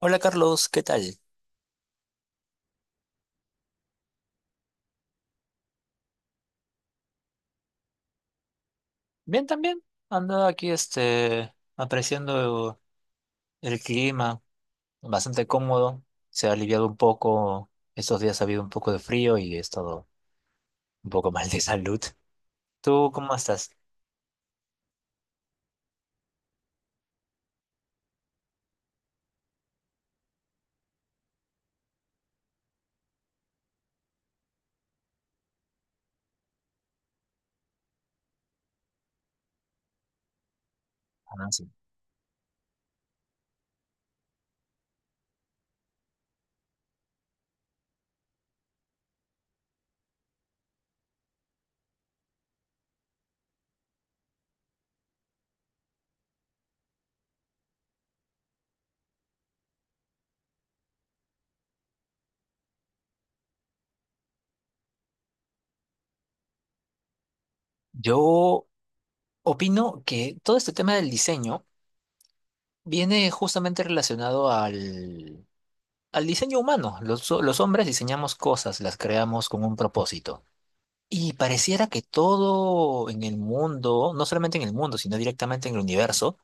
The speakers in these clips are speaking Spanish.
Hola Carlos, ¿qué tal? Bien también. Ando aquí apreciando el clima, bastante cómodo. Se ha aliviado un poco. Estos días ha habido un poco de frío y he estado un poco mal de salud. ¿Tú cómo estás? Ah, sí. Yo opino que todo este tema del diseño viene justamente relacionado al diseño humano. Los hombres diseñamos cosas, las creamos con un propósito. Y pareciera que todo en el mundo, no solamente en el mundo, sino directamente en el universo,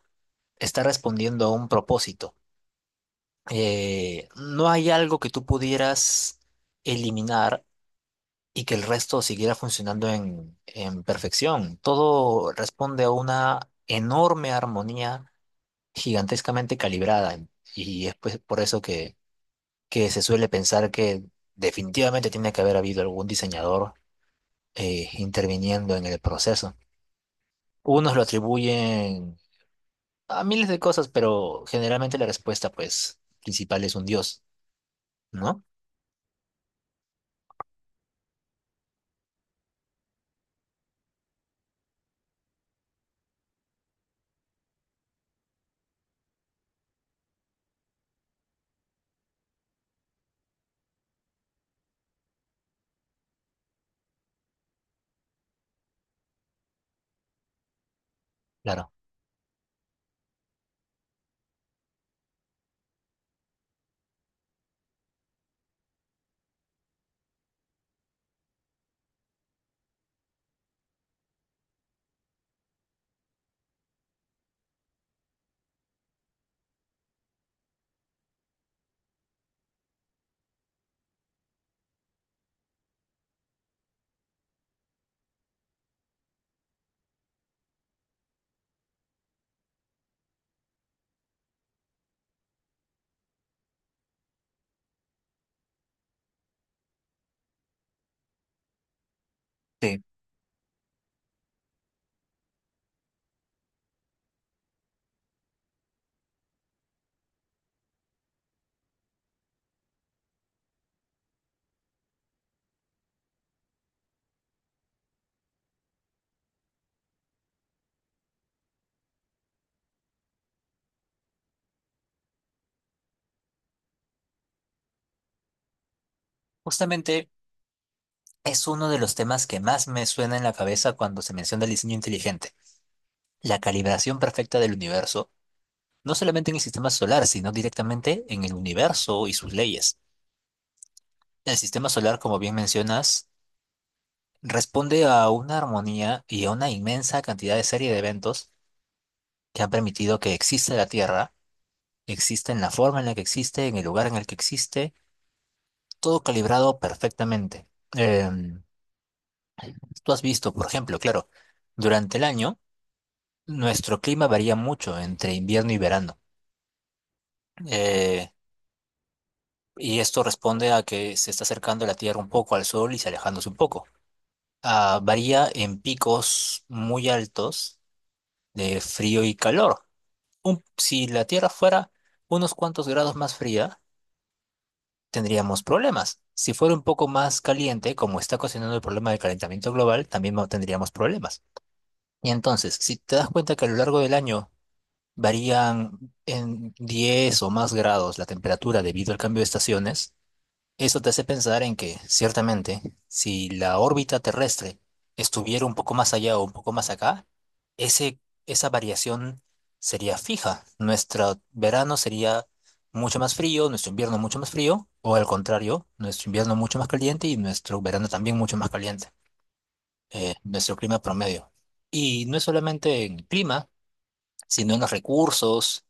está respondiendo a un propósito. No hay algo que tú pudieras eliminar y que el resto siguiera funcionando en perfección. Todo responde a una enorme armonía gigantescamente calibrada. Y es pues por eso que se suele pensar que definitivamente tiene que haber habido algún diseñador interviniendo en el proceso. Unos lo atribuyen a miles de cosas, pero generalmente la respuesta, pues, principal es un dios, ¿no? Claro. Sí. Justamente es uno de los temas que más me suena en la cabeza cuando se menciona el diseño inteligente, la calibración perfecta del universo, no solamente en el sistema solar, sino directamente en el universo y sus leyes. El sistema solar, como bien mencionas, responde a una armonía y a una inmensa cantidad de serie de eventos que han permitido que exista la Tierra existe en la forma en la que existe, en el lugar en el que existe, todo calibrado perfectamente. Em, Tú has visto, por ejemplo, claro, durante el año nuestro clima varía mucho entre invierno y verano. Eh, y esto responde a que se está acercando la Tierra un poco al Sol y se alejándose un poco. Ah, varía en picos muy altos de frío y calor. Si la Tierra fuera unos cuantos grados más fría, tendríamos problemas. Si fuera un poco más caliente, como está ocasionando el problema del calentamiento global, también no tendríamos problemas. Y entonces, si te das cuenta que a lo largo del año varían en 10 o más grados la temperatura debido al cambio de estaciones, eso te hace pensar en que, ciertamente, si la órbita terrestre estuviera un poco más allá o un poco más acá, ese, esa variación sería fija. Nuestro verano sería mucho más frío, nuestro invierno mucho más frío, o al contrario, nuestro invierno mucho más caliente y nuestro verano también mucho más caliente, nuestro clima promedio. Y no es solamente en el clima, sino en los recursos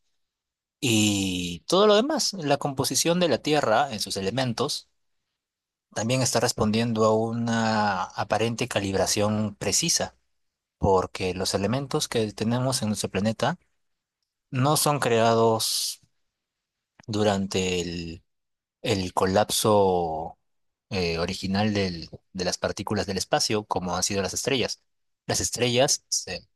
y todo lo demás, la composición de la Tierra en sus elementos también está respondiendo a una aparente calibración precisa, porque los elementos que tenemos en nuestro planeta no son creados durante el colapso original de las partículas del espacio, como han sido las estrellas. Las estrellas,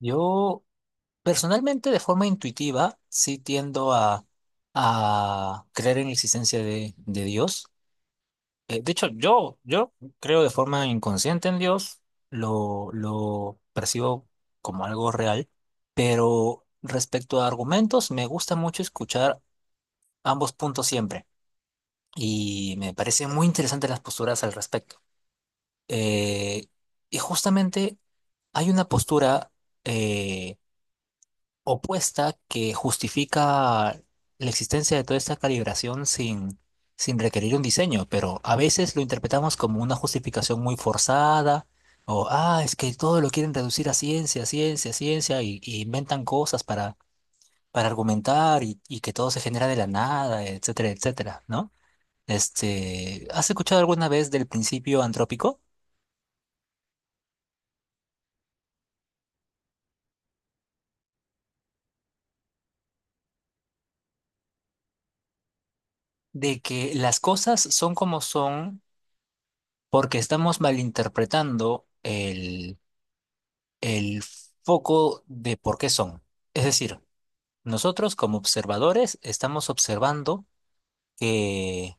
yo personalmente, de forma intuitiva, sí tiendo a creer en la existencia de Dios. De hecho, yo creo de forma inconsciente en Dios, lo percibo como algo real, pero respecto a argumentos, me gusta mucho escuchar ambos puntos siempre y me parecen muy interesantes las posturas al respecto. Eh, y justamente hay una postura eh, opuesta que justifica la existencia de toda esta calibración sin requerir un diseño, pero a veces lo interpretamos como una justificación muy forzada, o, ah, es que todo lo quieren reducir a ciencia, ciencia, ciencia, y inventan cosas para argumentar y que todo se genera de la nada, etcétera, etcétera, ¿no? ¿Has escuchado alguna vez del principio antrópico? De que las cosas son como son porque estamos malinterpretando el foco de por qué son. Es decir, nosotros como observadores estamos observando que,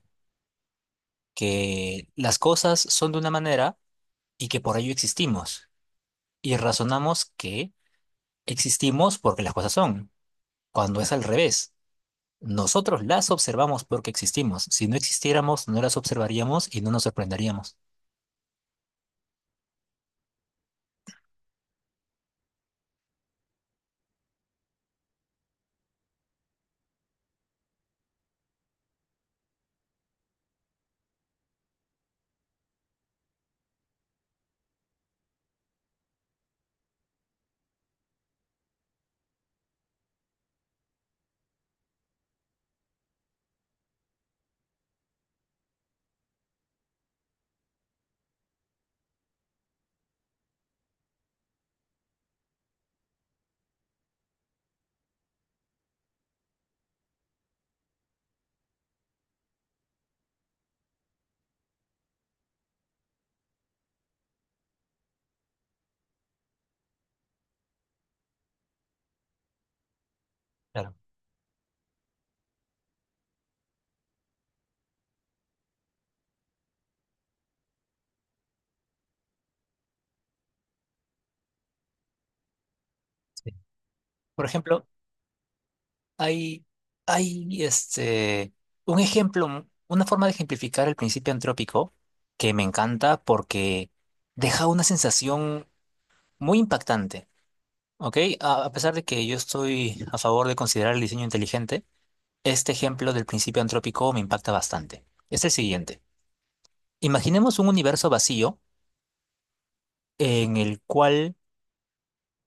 que las cosas son de una manera y que por ello existimos. Y razonamos que existimos porque las cosas son, cuando es al revés. Nosotros las observamos porque existimos. Si no existiéramos, no las observaríamos y no nos sorprenderíamos. Claro. Sí. Por ejemplo, Hay, hay un ejemplo, una forma de ejemplificar el principio antrópico que me encanta porque deja una sensación muy impactante, ¿ok? A pesar de que yo estoy a favor de considerar el diseño inteligente, este ejemplo del principio antrópico me impacta bastante. Es el siguiente. Imaginemos un universo vacío en el cual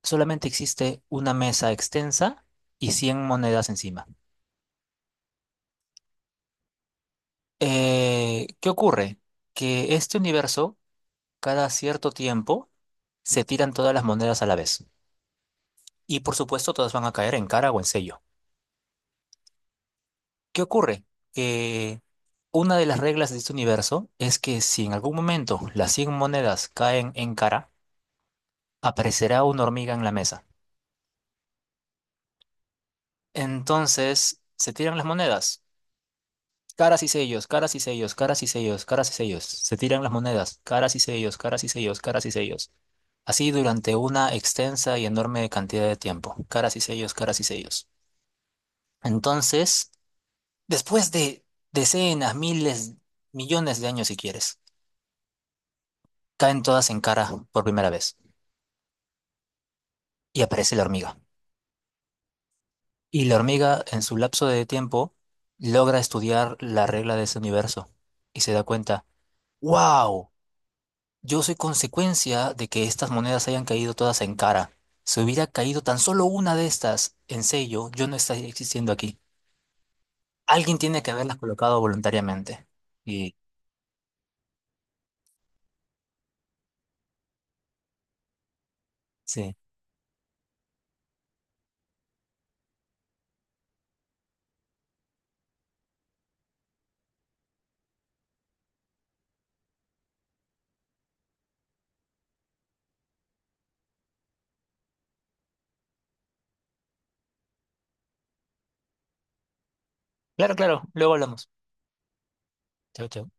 solamente existe una mesa extensa y 100 monedas encima. ¿Qué ocurre? Que este universo cada cierto tiempo se tiran todas las monedas a la vez. Y por supuesto todas van a caer en cara o en sello. ¿Qué ocurre? Que una de las reglas de este universo es que si en algún momento las 100 monedas caen en cara, aparecerá una hormiga en la mesa. Entonces se tiran las monedas. Caras y sellos, caras y sellos, caras y sellos, caras y sellos. Se tiran las monedas, caras y sellos, caras y sellos, caras y sellos. Así durante una extensa y enorme cantidad de tiempo. Caras y sellos, caras y sellos. Entonces, después de decenas, miles, millones de años, si quieres, caen todas en cara por primera vez y aparece la hormiga. Y la hormiga, en su lapso de tiempo, logra estudiar la regla de ese universo y se da cuenta, wow, yo soy consecuencia de que estas monedas hayan caído todas en cara. Si hubiera caído tan solo una de estas en sello, yo no estaría existiendo aquí. Alguien tiene que haberlas colocado voluntariamente. Y sí, claro, claro, luego hablamos. Chao, chao.